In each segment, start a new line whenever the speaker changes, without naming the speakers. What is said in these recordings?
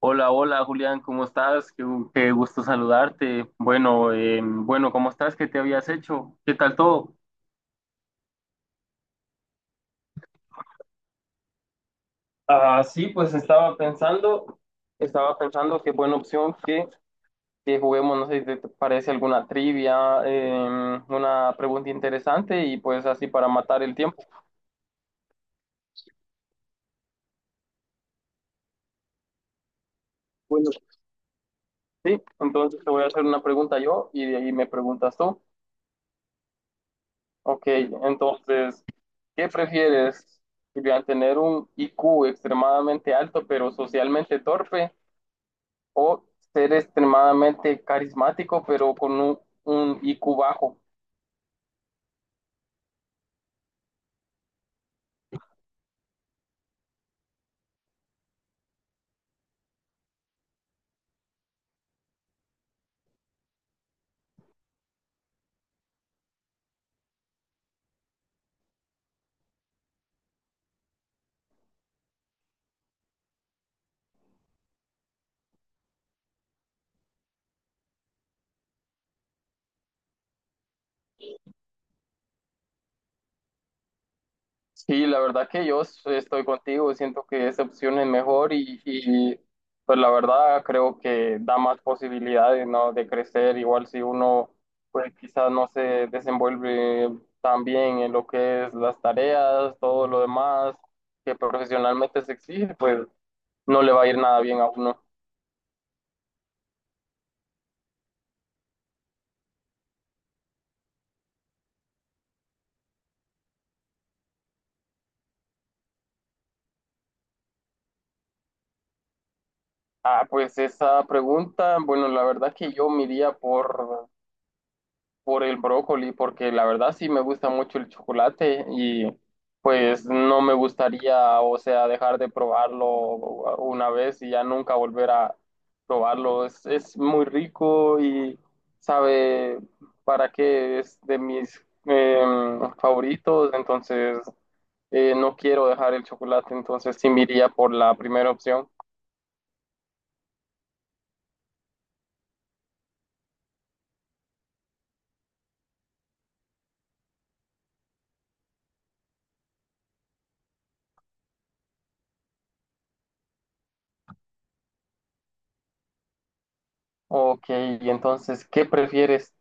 Hola, hola Julián, ¿cómo estás? Qué gusto saludarte. Bueno, bueno, ¿cómo estás? ¿Qué te habías hecho? ¿Qué tal todo? Ah, sí, pues estaba pensando qué buena opción que juguemos, no sé si te parece alguna trivia, una pregunta interesante y pues así para matar el tiempo. Bueno, sí, entonces te voy a hacer una pregunta yo y de ahí me preguntas tú. Ok, entonces, ¿qué prefieres, Julián, tener un IQ extremadamente alto pero socialmente torpe o ser extremadamente carismático pero un IQ bajo? Sí, la verdad que estoy contigo, siento que esa opción es mejor pues la verdad creo que da más posibilidades, ¿no? De crecer, igual si uno pues quizás no se desenvuelve tan bien en lo que es las tareas, todo lo demás que profesionalmente se exige, pues no le va a ir nada bien a uno. Ah, pues esa pregunta, bueno, la verdad que yo me iría por el brócoli, porque la verdad sí me gusta mucho el chocolate y pues no me gustaría, o sea, dejar de probarlo una vez y ya nunca volver a probarlo. Es muy rico y sabe para qué es de mis favoritos, entonces no quiero dejar el chocolate, entonces sí me iría por la primera opción. Ok, y entonces, ¿qué prefieres?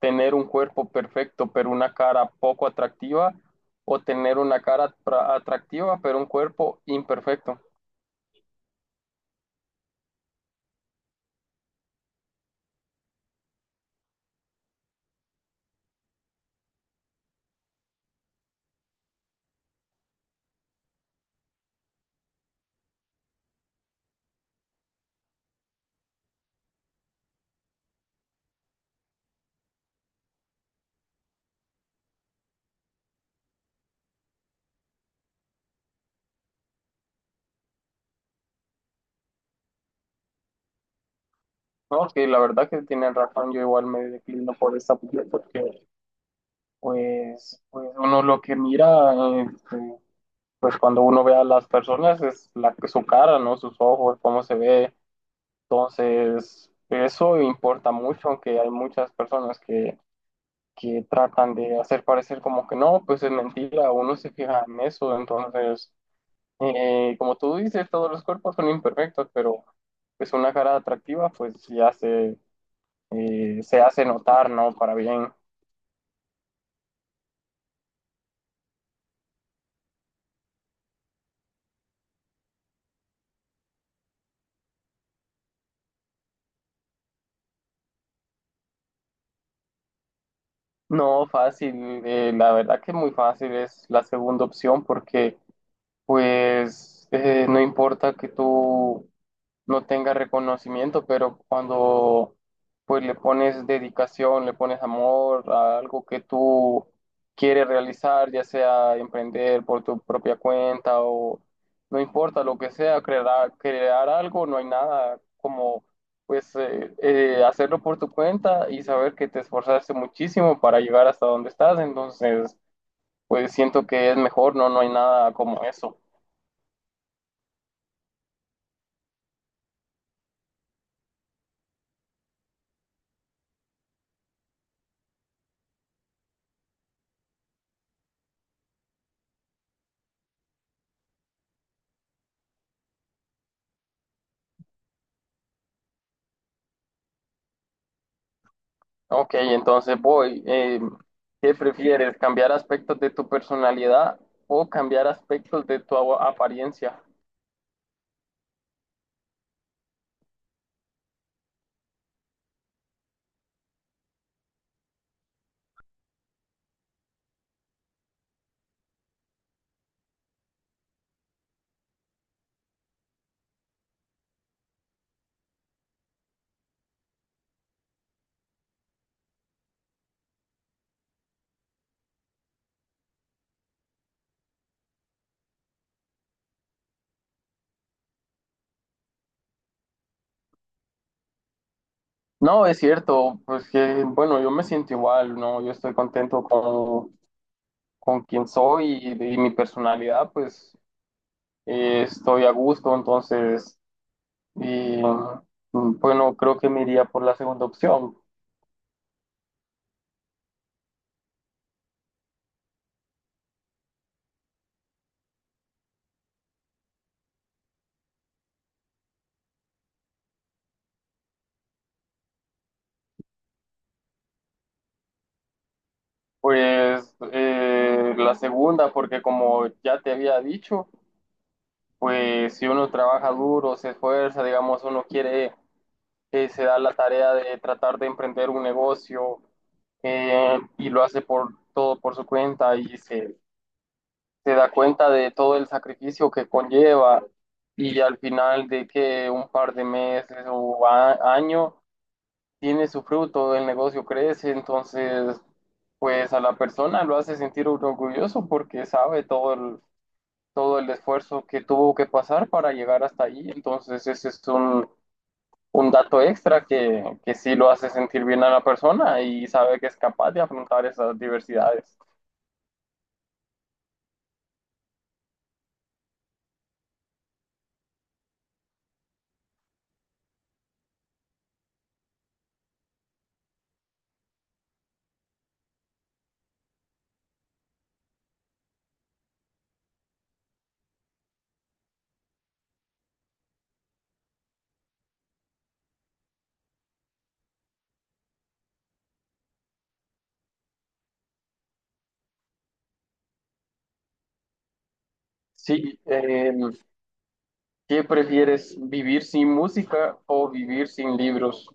¿Tener un cuerpo perfecto pero una cara poco atractiva o tener una atractiva pero un cuerpo imperfecto? No, que la verdad que tienen razón, yo igual me declino por esa opción porque pues, pues uno lo que mira, este, pues cuando uno ve a las personas es su cara, ¿no? Sus ojos, cómo se ve. Entonces, eso importa mucho, aunque hay muchas personas que tratan de hacer parecer como que no, pues es mentira, uno se fija en eso, entonces, como tú dices, todos los cuerpos son imperfectos, pero pues una cara atractiva se hace notar, ¿no? Para bien. No, fácil, la verdad que muy fácil es la segunda opción porque pues no importa que tú no tenga reconocimiento, pero cuando pues le pones dedicación, le pones amor a algo que tú quieres realizar, ya sea emprender por tu propia cuenta o no importa lo que sea, crear algo, no hay nada como pues hacerlo por tu cuenta y saber que te esforzaste muchísimo para llegar hasta donde estás, entonces pues siento que es mejor, no, no hay nada como eso. Ok, entonces voy. ¿Qué prefieres? ¿Cambiar aspectos de tu personalidad o cambiar aspectos de apariencia? No, es cierto, pues que, bueno, yo me siento igual, ¿no? Yo estoy contento con quien soy y mi personalidad, pues estoy a gusto, entonces, y, mm, bueno, creo que me iría por la segunda opción. Pues la segunda, porque como ya te había dicho, pues si uno trabaja duro, se esfuerza, digamos, uno quiere, se da la tarea de tratar de emprender un negocio y lo hace por todo por su cuenta se da cuenta de todo el sacrificio que conlleva y al final de que un par de meses año tiene su fruto, el negocio crece, entonces pues a la persona lo hace sentir orgulloso porque sabe todo el esfuerzo que tuvo que pasar para llegar hasta ahí. Entonces, ese es un dato extra que sí lo hace sentir bien a la persona y sabe que es capaz de afrontar esas diversidades. Sí, ¿qué prefieres, vivir sin música o vivir sin libros?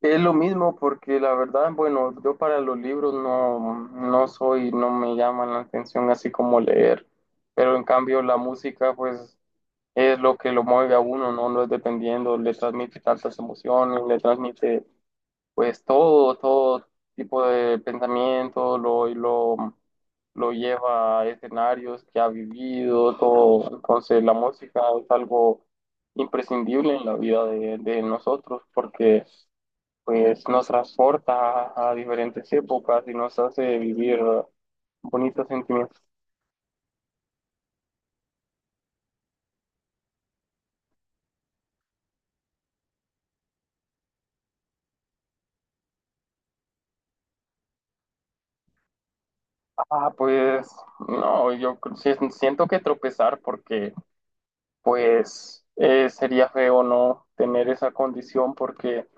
Es lo mismo porque la verdad, bueno, yo para los libros no soy, no me llaman la atención así como leer, pero en cambio la música, pues es lo que lo mueve a uno, ¿no? No es dependiendo, le transmite tantas emociones, le transmite pues todo tipo de pensamiento, lo lleva a escenarios que ha vivido, todo. Entonces la música es algo imprescindible en la vida de nosotros porque pues nos transporta a diferentes épocas y nos hace vivir bonitos sentimientos. Ah, pues no, yo cre- si- siento que tropezar porque pues sería feo no tener esa condición porque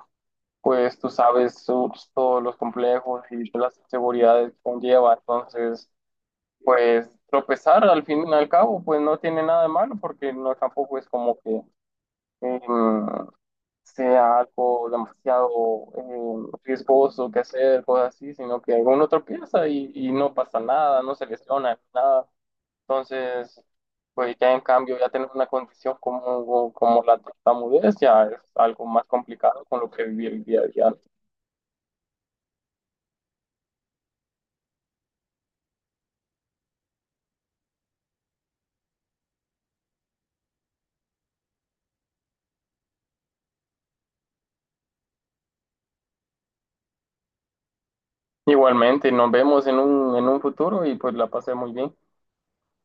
pues todos los complejos y las inseguridades que conlleva, entonces pues tropezar al fin y al cabo pues no tiene nada de malo porque no tampoco es como que em, sea algo demasiado riesgoso que hacer, cosas así, sino que uno tropieza y no pasa nada, no se lesiona, nada. Entonces, pues ya en cambio, ya tener una condición como la tartamudez ya es algo más complicado con lo que vivir el día a día. Igualmente, nos vemos en en un futuro y pues la pasé muy bien.